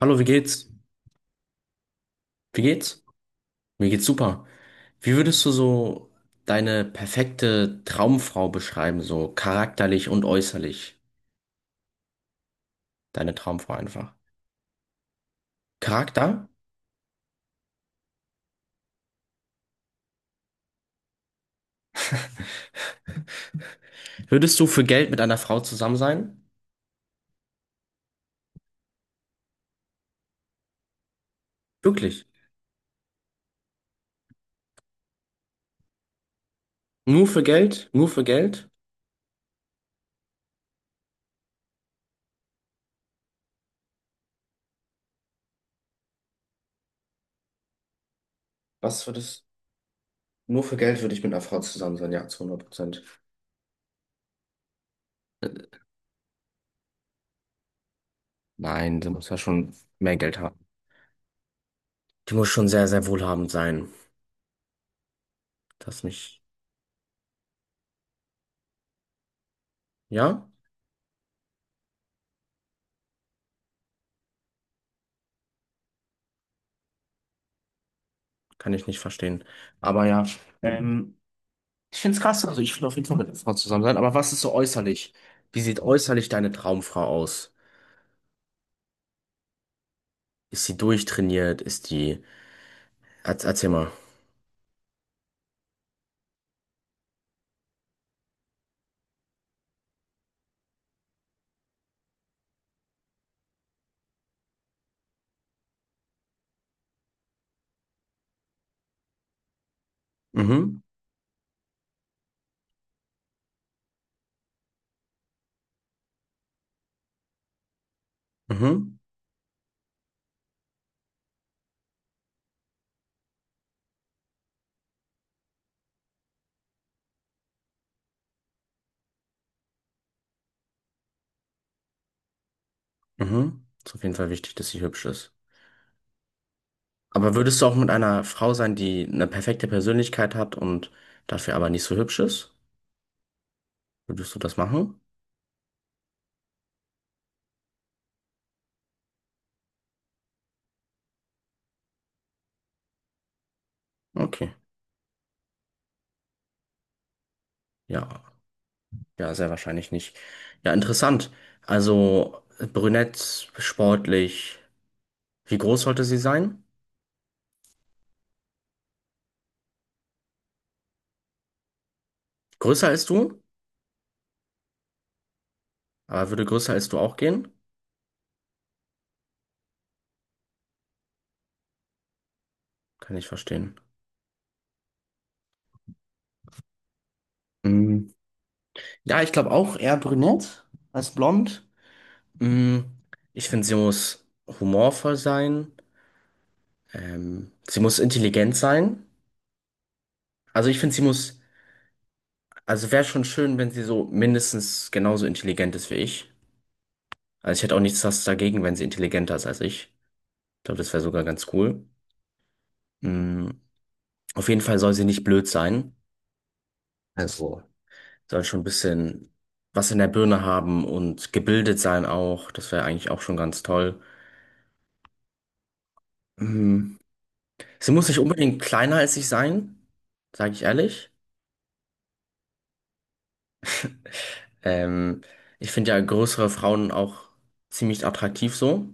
Hallo, wie geht's? Wie geht's? Mir geht's super. Wie würdest du so deine perfekte Traumfrau beschreiben, so charakterlich und äußerlich? Deine Traumfrau einfach. Charakter? Würdest du für Geld mit einer Frau zusammen sein? Wirklich? Nur für Geld? Nur für Geld? Was würdest, nur für Geld würde ich mit einer Frau zusammen sein, ja, zu 100%. Nein, sie muss ja schon mehr Geld haben. Die muss schon sehr, sehr wohlhabend sein. Das mich, ja? Kann ich nicht verstehen. Aber ja. Ähm, Ich finde es krass, also ich will auf jeden Fall mit einer Frau zusammen sein, aber was ist so äußerlich? Wie sieht äußerlich deine Traumfrau aus? Ist sie durchtrainiert? Ist die. Erzähl mal. Mhm, mhm, mhm. Ist auf jeden Fall wichtig, dass sie hübsch ist. Aber würdest du auch mit einer Frau sein, die eine perfekte Persönlichkeit hat und dafür aber nicht so hübsch ist? Würdest du das machen? Okay. Ja, ja, sehr wahrscheinlich nicht. Ja, interessant. Also brünett, sportlich. Wie groß sollte sie sein? Größer als du? Aber würde größer als du auch gehen? Kann ich verstehen. Mm, ja, ich glaube auch eher brünett als blond. Mm, ich finde, sie muss humorvoll sein. Sie muss intelligent sein. Also ich finde, sie muss, also wäre schon schön, wenn sie so mindestens genauso intelligent ist wie ich. Also ich hätte auch nichts was dagegen, wenn sie intelligenter ist als ich. Ich glaube, das wäre sogar ganz cool. Mm, auf jeden Fall soll sie nicht blöd sein. Also, soll schon ein bisschen was in der Birne haben und gebildet sein auch. Das wäre eigentlich auch schon ganz toll. Mhm. Sie muss nicht unbedingt kleiner als ich sein, sage ich ehrlich. Ähm, Ich finde ja größere Frauen auch ziemlich attraktiv so.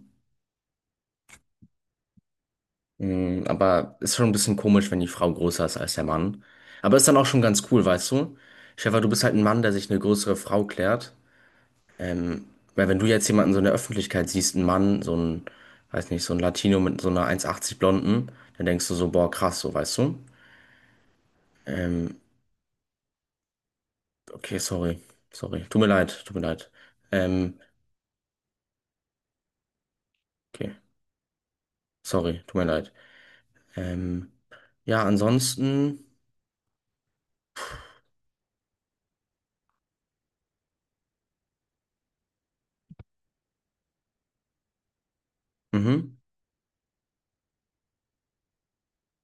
Mhm, aber ist schon ein bisschen komisch, wenn die Frau größer ist als der Mann. Aber ist dann auch schon ganz cool, weißt du? Stefan, du bist halt ein Mann, der sich eine größere Frau klärt. Ähm, Weil wenn du jetzt jemanden so in der Öffentlichkeit siehst, einen Mann, so ein, weiß nicht, so ein Latino mit so einer 1,80 Blonden, dann denkst du so, boah, krass, so, weißt du? Ähm, okay, sorry, sorry, tut mir leid, tut mir leid. Ähm, okay, sorry, tut mir leid. Ähm, ja, ansonsten, mhm,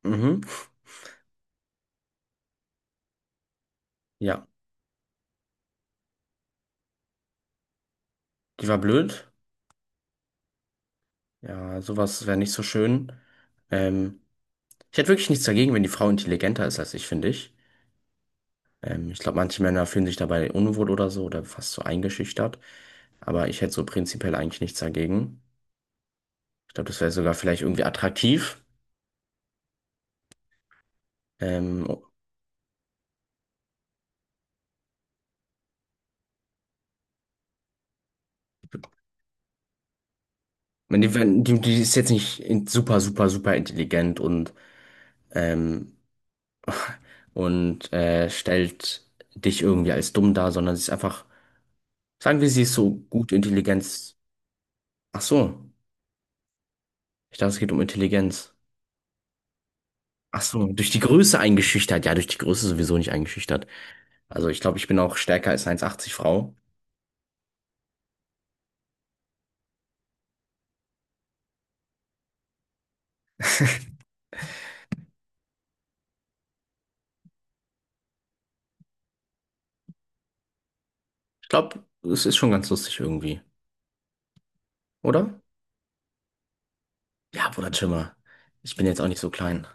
mhm, ja, die war blöd. Ja, sowas wäre nicht so schön. Ähm, Ich hätte wirklich nichts dagegen, wenn die Frau intelligenter ist als ich, finde ich. Ich glaube, manche Männer fühlen sich dabei unwohl oder so oder fast so eingeschüchtert. Aber ich hätte so prinzipiell eigentlich nichts dagegen. Ich glaube, das wäre sogar vielleicht irgendwie attraktiv. Ähm, wenn die, die ist jetzt nicht super, super, super intelligent und, ähm, und stellt dich irgendwie als dumm dar, sondern sie ist einfach, sagen wir, sie ist so gut Intelligenz. Ach so, ich dachte, es geht um Intelligenz. Ach so, durch die Größe eingeschüchtert. Ja, durch die Größe sowieso nicht eingeschüchtert. Also ich glaube, ich bin auch stärker als 1,80 Frau. Ich glaube, es ist schon ganz lustig irgendwie, oder? Ja, Bruder, chill mal. Ich bin jetzt auch nicht so klein.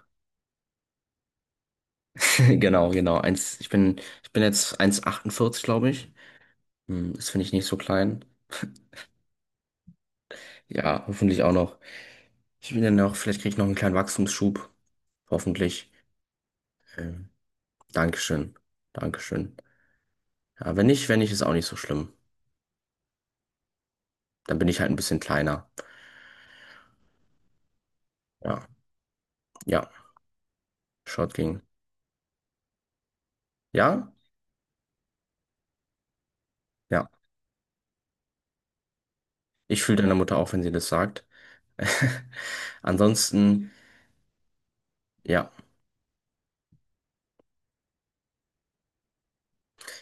Genau, genau. Ich bin jetzt 1,48, glaube ich. Hm, das finde ich nicht so klein. Ja, hoffentlich auch noch. Ich bin dann noch, vielleicht kriege ich noch einen kleinen Wachstumsschub. Hoffentlich. Ähm, Dankeschön. Dankeschön. Ja, wenn nicht, wenn nicht, ist auch nicht so schlimm. Dann bin ich halt ein bisschen kleiner. Ja, ja. Short ging. Ja? Ja. Ich fühle deine Mutter auch, wenn sie das sagt. Ansonsten, ja.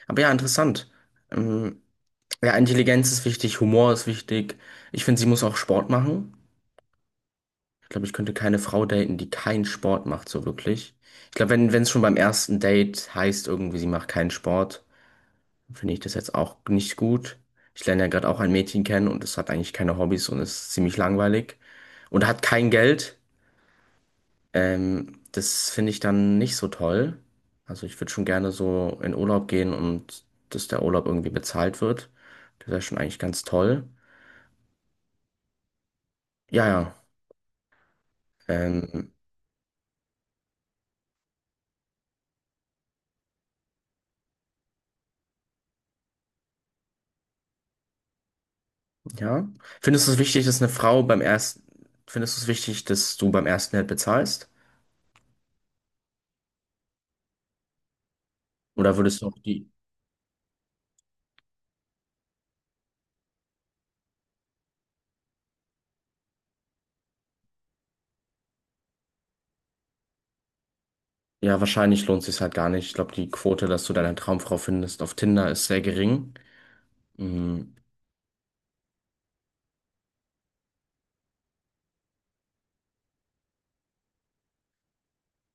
Aber ja, interessant. Ähm, ja, Intelligenz ist wichtig, Humor ist wichtig. Ich finde, sie muss auch Sport machen. Ich glaube, ich könnte keine Frau daten, die keinen Sport macht, so wirklich. Ich glaube, wenn, wenn es schon beim ersten Date heißt, irgendwie, sie macht keinen Sport, finde ich das jetzt auch nicht gut. Ich lerne ja gerade auch ein Mädchen kennen und es hat eigentlich keine Hobbys und ist ziemlich langweilig und hat kein Geld. Das finde ich dann nicht so toll. Also ich würde schon gerne so in Urlaub gehen und dass der Urlaub irgendwie bezahlt wird. Das wäre schon eigentlich ganz toll. Ja, ja. Ähm, ja. Findest du es wichtig, dass eine Frau beim ersten, findest du es wichtig, dass du beim ersten Date bezahlst? Oder würdest du auch die, ja, wahrscheinlich lohnt sich halt gar nicht. Ich glaube, die Quote, dass du deine Traumfrau findest auf Tinder ist sehr gering. Mhm.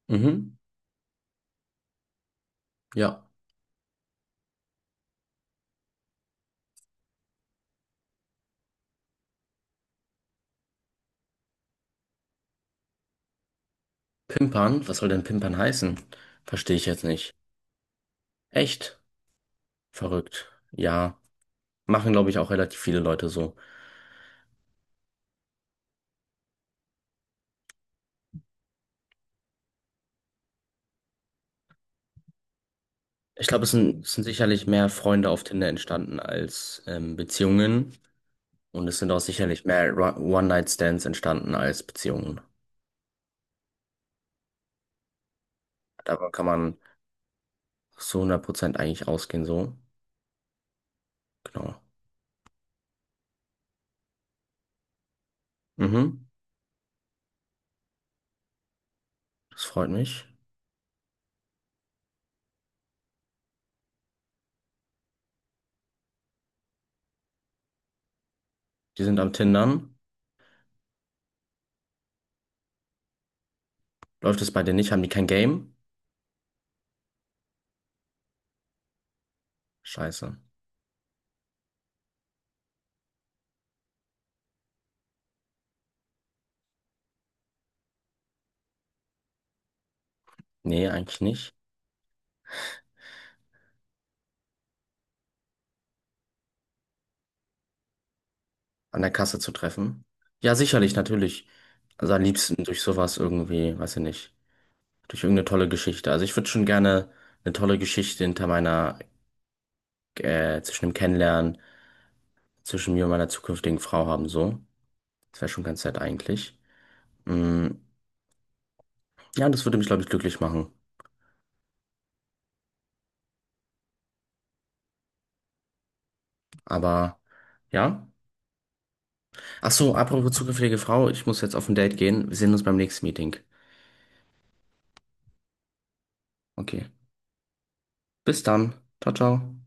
Mhm. Ja. Pimpern? Was soll denn Pimpern heißen? Verstehe ich jetzt nicht. Echt? Verrückt. Ja. Machen, glaube ich, auch relativ viele Leute so. Ich glaube, es sind sicherlich mehr Freunde auf Tinder entstanden als Beziehungen. Und es sind auch sicherlich mehr One-Night-Stands entstanden als Beziehungen. Davon kann man so 100% eigentlich ausgehen, so. Genau. Mhm. Das freut mich. Die sind am Tindern. Läuft es bei denen nicht? Haben die kein Game? Scheiße. Nee, eigentlich nicht. An der Kasse zu treffen. Ja, sicherlich, natürlich. Also am liebsten durch sowas irgendwie, weiß ich nicht. Durch irgendeine tolle Geschichte. Also ich würde schon gerne eine tolle Geschichte hinter meiner, zwischen dem Kennenlernen, zwischen mir und meiner zukünftigen Frau haben, so. Das wäre schon ganz nett eigentlich. Mm, ja, das würde mich, glaube ich, glücklich machen. Aber ja. Ach so, apropos zukünftige Frau, ich muss jetzt auf ein Date gehen. Wir sehen uns beim nächsten Meeting. Okay. Bis dann. Ciao, ciao.